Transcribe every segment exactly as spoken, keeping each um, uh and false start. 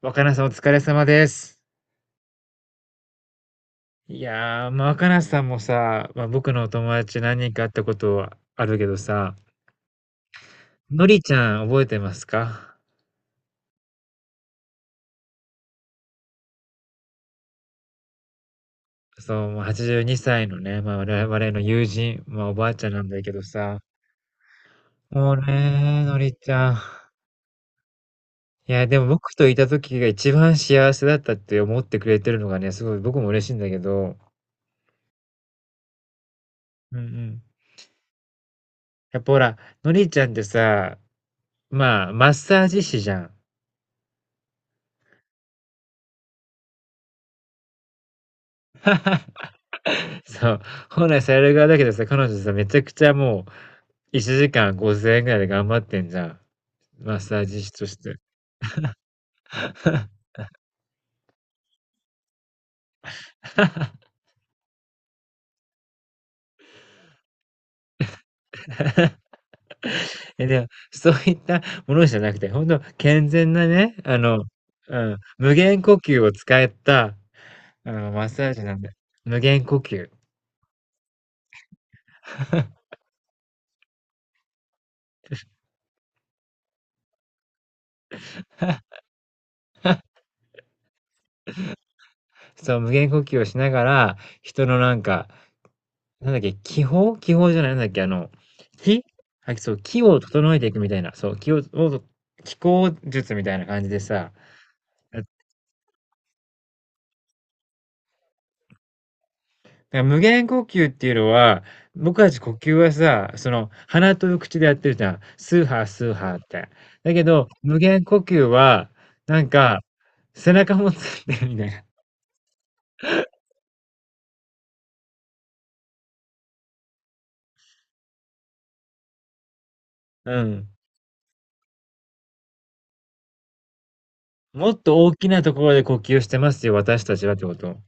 若菜さんお疲れ様です。いやー、まあ、若菜さんもさ、まあ、僕のお友達何人か会ったことはあるけどさ、のりちゃん覚えてますか？そう、まあはちじゅうにさいのね、まあ、我々の友人、まあ、おばあちゃんなんだけどさ、もうね、のりちゃん。いや、でも僕といた時が一番幸せだったって思ってくれてるのがね、すごい僕も嬉しいんだけど、うんうん。やっぱほら、のりちゃんってさ、まあ、マッサージ師じゃん。そう、本来される側だけどさ、彼女さ、めちゃくちゃもう、いちじかんごせんえんぐらいで頑張ってんじゃん。マッサージ師として。え、でも、そういったものじゃなくて、本当健全なね、あの、うん、無限呼吸を使った、あの、マッサージなんだよ。無限呼吸。そう、無限呼吸をしながら、人のなんか、なんだっけ、気泡、気泡じゃない、なんだっけ、あの、気、はい、そう、気を整えていくみたいな、そう、気を、を気候術みたいな感じでさ、だから無限呼吸っていうのは、僕たち呼吸はさ、その、鼻と口でやってるじゃん。スーハースーハーって。だけど、無限呼吸は、なんか、背中もついてるみたいな。うん。もっと大きなところで呼吸してますよ、私たちはってこと。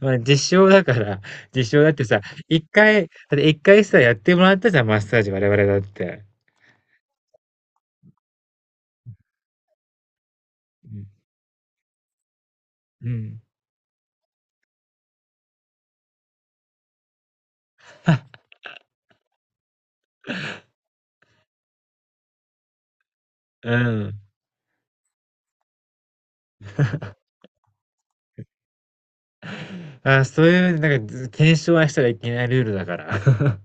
まあね、実証だから、実証だってさ、一回、だって一回さ、やってもらったじゃん、マッサージ、我々だって。うん。うん。うん。あ、そういう、なんか、ず検証はしたらいけないルールだから。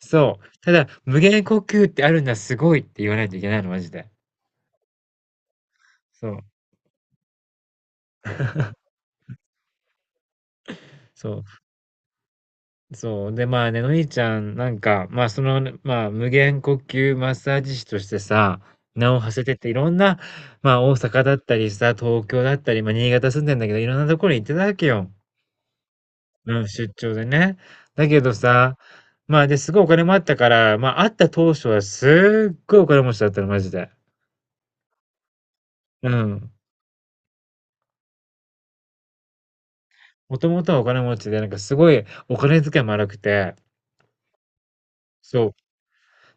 そう。ただ、無限呼吸ってあるんだ、すごいって言わないといけないの、マジで。そう。そう。そう。で、まあね、のりちゃん、なんか、まあ、その、まあ、無限呼吸マッサージ師としてさ、名を馳せてて、いろんな、まあ、大阪だったりさ、東京だったり、まあ、新潟住んでんだけど、いろんなところに行ってたわけよ。うん、出張でね。だけどさ、まあ、で、すごいお金もあったから、まあ、会った当初はすっごいお金持ちだったの、マジで。うん。もともとはお金持ちで、なんかすごいお金遣いも荒くて、そう。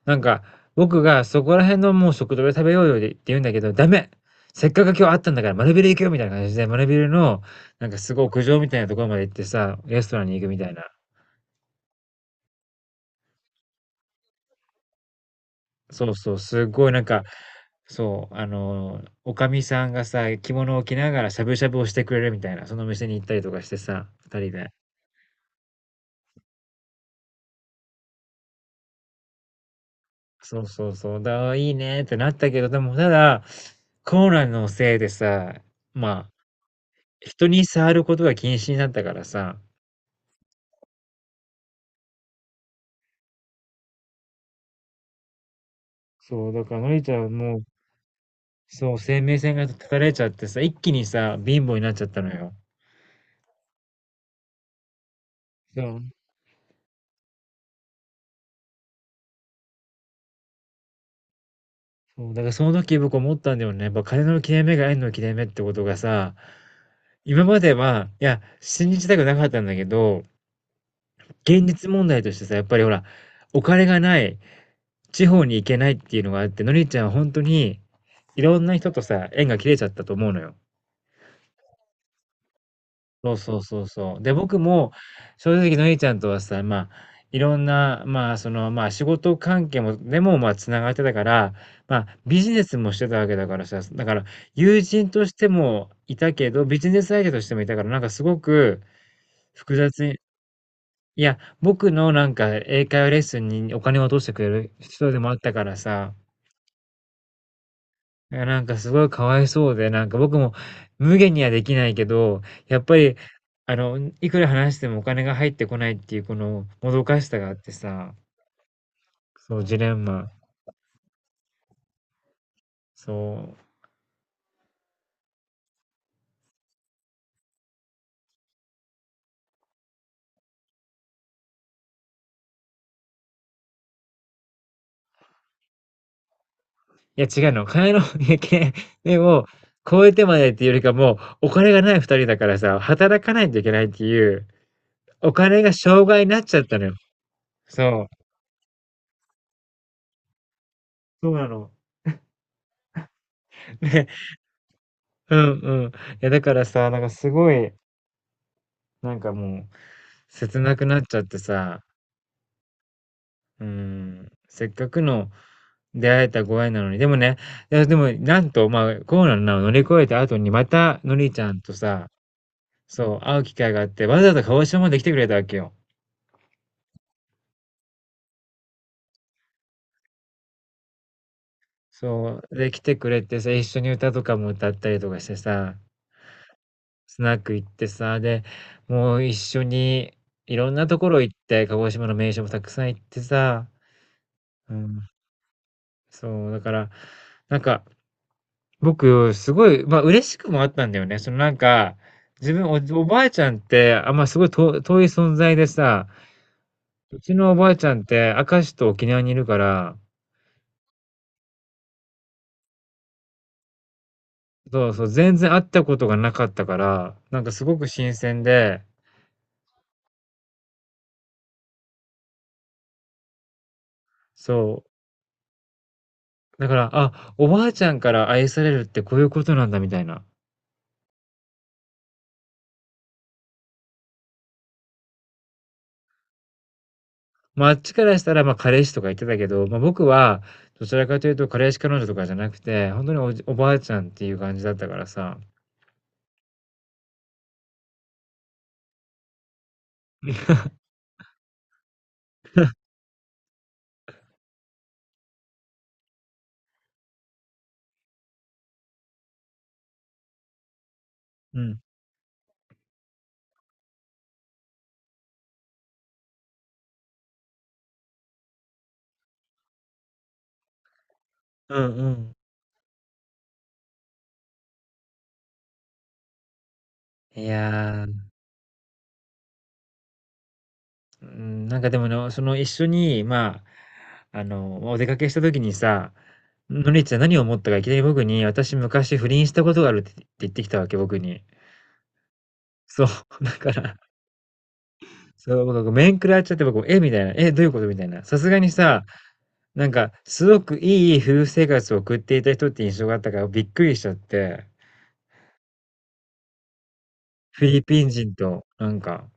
なんか、僕がそこら辺のもう食堂で食べようよって言うんだけど、ダメ、せっかく今日会ったんだから丸ビル行くよみたいな感じで、丸ビルの、なんかすごい屋上みたいなところまで行ってさ、レストランに行くみたいな。そうそう、すごいなんか、そう、あの、おかみさんがさ、着物を着ながらしゃぶしゃぶをしてくれるみたいな、その店に行ったりとかしてさ、ふたりで。そうそうそう、だ、いいねってなったけど、でもただ、コロナのせいでさ、まあ、人に触ることが禁止になったからさ、そう、だからのりちゃんもう、そう、生命線が断たれちゃってさ、一気にさ、貧乏になっちゃったのよ。そう、そう、だからその時僕思ったんだよね。やっぱ金の切れ目が縁の切れ目ってことがさ、今までは、いや、信じたくなかったんだけど、現実問題としてさ、やっぱりほら、お金がない、地方に行けないっていうのがあって、のりちゃんはほんとに、いろんな人とさ、縁が切れちゃったと思うのよ。そうそうそうそう。で、僕も、正直のりちゃんとはさ、まあ、いろんな、まあ、その、まあ、仕事関係もでも、まあ、繋がってたから、まあ、ビジネスもしてたわけだからさ、だから友人としてもいたけど、ビジネス相手としてもいたから、なんかすごく複雑。いや、僕のなんか英会話レッスンにお金を落としてくれる人でもあったからさ、いやなんかすごいかわいそうで、なんか僕も無限にはできないけど、やっぱり、あの、いくら話してもお金が入ってこないっていうこのもどかしさがあってさ、そう、ジレンマ。そう。いや違うの、金の 経験でも、超えてまでっていうよりかもう、お金がない二人だからさ、働かないといけないっていう、お金が障害になっちゃったのよ。そう。そうなの。ね。うんうん。いや、だからさ、なんかすごい、なんかもう、切なくなっちゃってさ、うん、せっかくの出会えたご縁なのに、でもね、いや、でも、なんと、まあ、コロナを乗り越えた後に、また、のりちゃんとさ、そう、会う機会があって、わざわざ鹿児島まで来てくれたわけよ。そう、で、来てくれてさ、一緒に歌とかも歌ったりとかしてさ、スナック行ってさ、で、もう一緒に、いろんなところ行って、鹿児島の名所もたくさん行ってさ、うん。そう、だから、なんか、僕、すごい、まあ、嬉しくもあったんだよね。その、なんか、自分、おじおばあちゃんって、あ、まあ、すごい遠遠い存在でさ、うちのおばあちゃんって、明石と沖縄にいるから、そうそう、全然会ったことがなかったから、なんかすごく新鮮で、そう、だから、あ、おばあちゃんから愛されるってこういうことなんだみたいな。まあ、あっちからしたら、まあ、彼氏とか言ってたけど、まあ、僕は、どちらかというと、彼氏彼女とかじゃなくて、本当におじおばあちゃんっていう感じだったからさ。うん。うんうん。いやー、うん、なんかでもの、その一緒に、まあ、あの、お出かけした時にさ、のりちゃん何を思ったかいきなり僕に、私昔不倫したことがあるって言ってきたわけ、僕に。そう、だから、そう、僕が面食らっちゃって、僕、えみたいな、え、どういうことみたいな。さすがにさ、なんか、すごくいい夫婦生活を送っていた人って印象があったからびっくりしちゃって、フィリピン人と、なんか。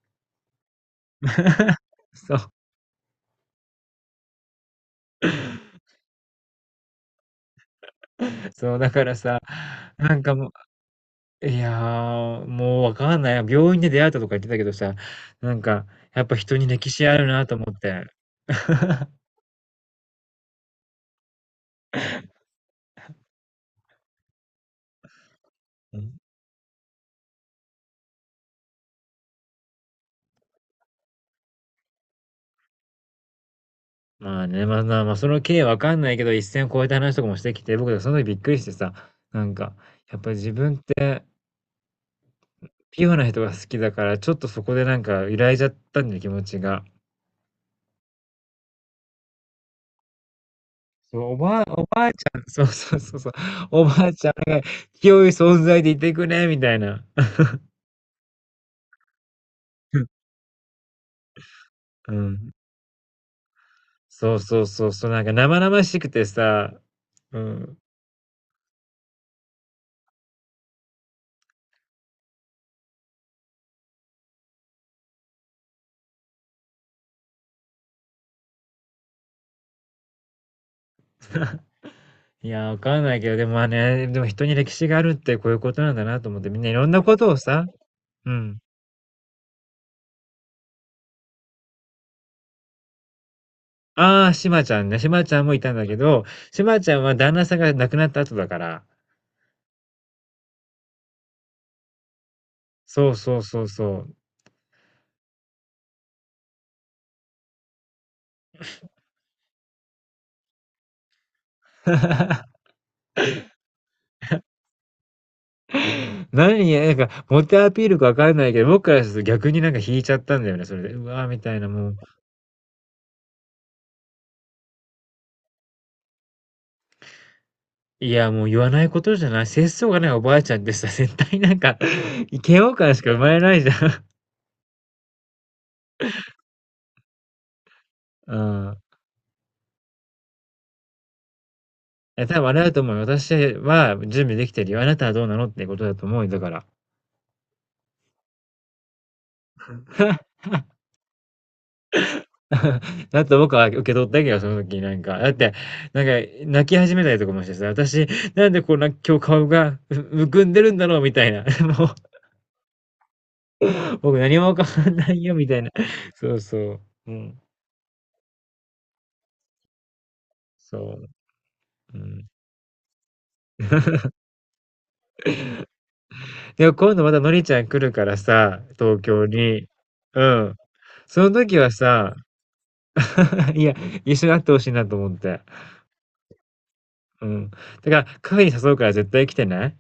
そう、そう、だからさ、なんかもう、いやー、もうわかんない。病院で出会ったとか言ってたけどさ、なんか、やっぱ人に歴史あるなと思って。うん。まあね、まあまあまあ、その経緯わかんないけど、一線を越えた話とかもしてきて、僕はその時びっくりしてさ、なんか、やっぱり自分ってピュアな人が好きだから、ちょっとそこでなんか揺らいじゃったんだよ、気持ちが。そう、おばあおばあちゃんそうそうそうそう、おばあちゃんが清い存在でいてくれみたいな。うん。そうそうそうそう、なんか生々しくてさ、うん。いや、わかんないけど、でもまあね、でも人に歴史があるってこういうことなんだなと思って、みんないろんなことをさ、うん。ああ、しまちゃんね、しまちゃんもいたんだけど、しまちゃんは旦那さんが亡くなった後だから。そうそうそうそう。何や、なんか、モテアピールかわかんないけど、僕からすると逆になんか引いちゃったんだよね、それで。うわーみたいな、もう。いや、もう言わないことじゃない。節操がないおばあちゃんってさ、絶対なんか、嫌悪感しか生まれないじゃん。うん。え、多分あれだと思うよ。私は準備できてるよ。あなたはどうなのってことだと思うよ、だから。だって僕は受け取ったけど、その時になんか。だって、なんか泣き始めたりとかもしてさ、私、なんでこんな今日顔がむむくんでるんだろうみたいな。もう、僕何も変わんないよみたいな。そうそう。うん。そう。うん。でも今度またのりちゃん来るからさ、東京に。うん。その時はさ、いや、一緒に会ってほしいなと思って。うん。だから、カフェに誘うから絶対来てね。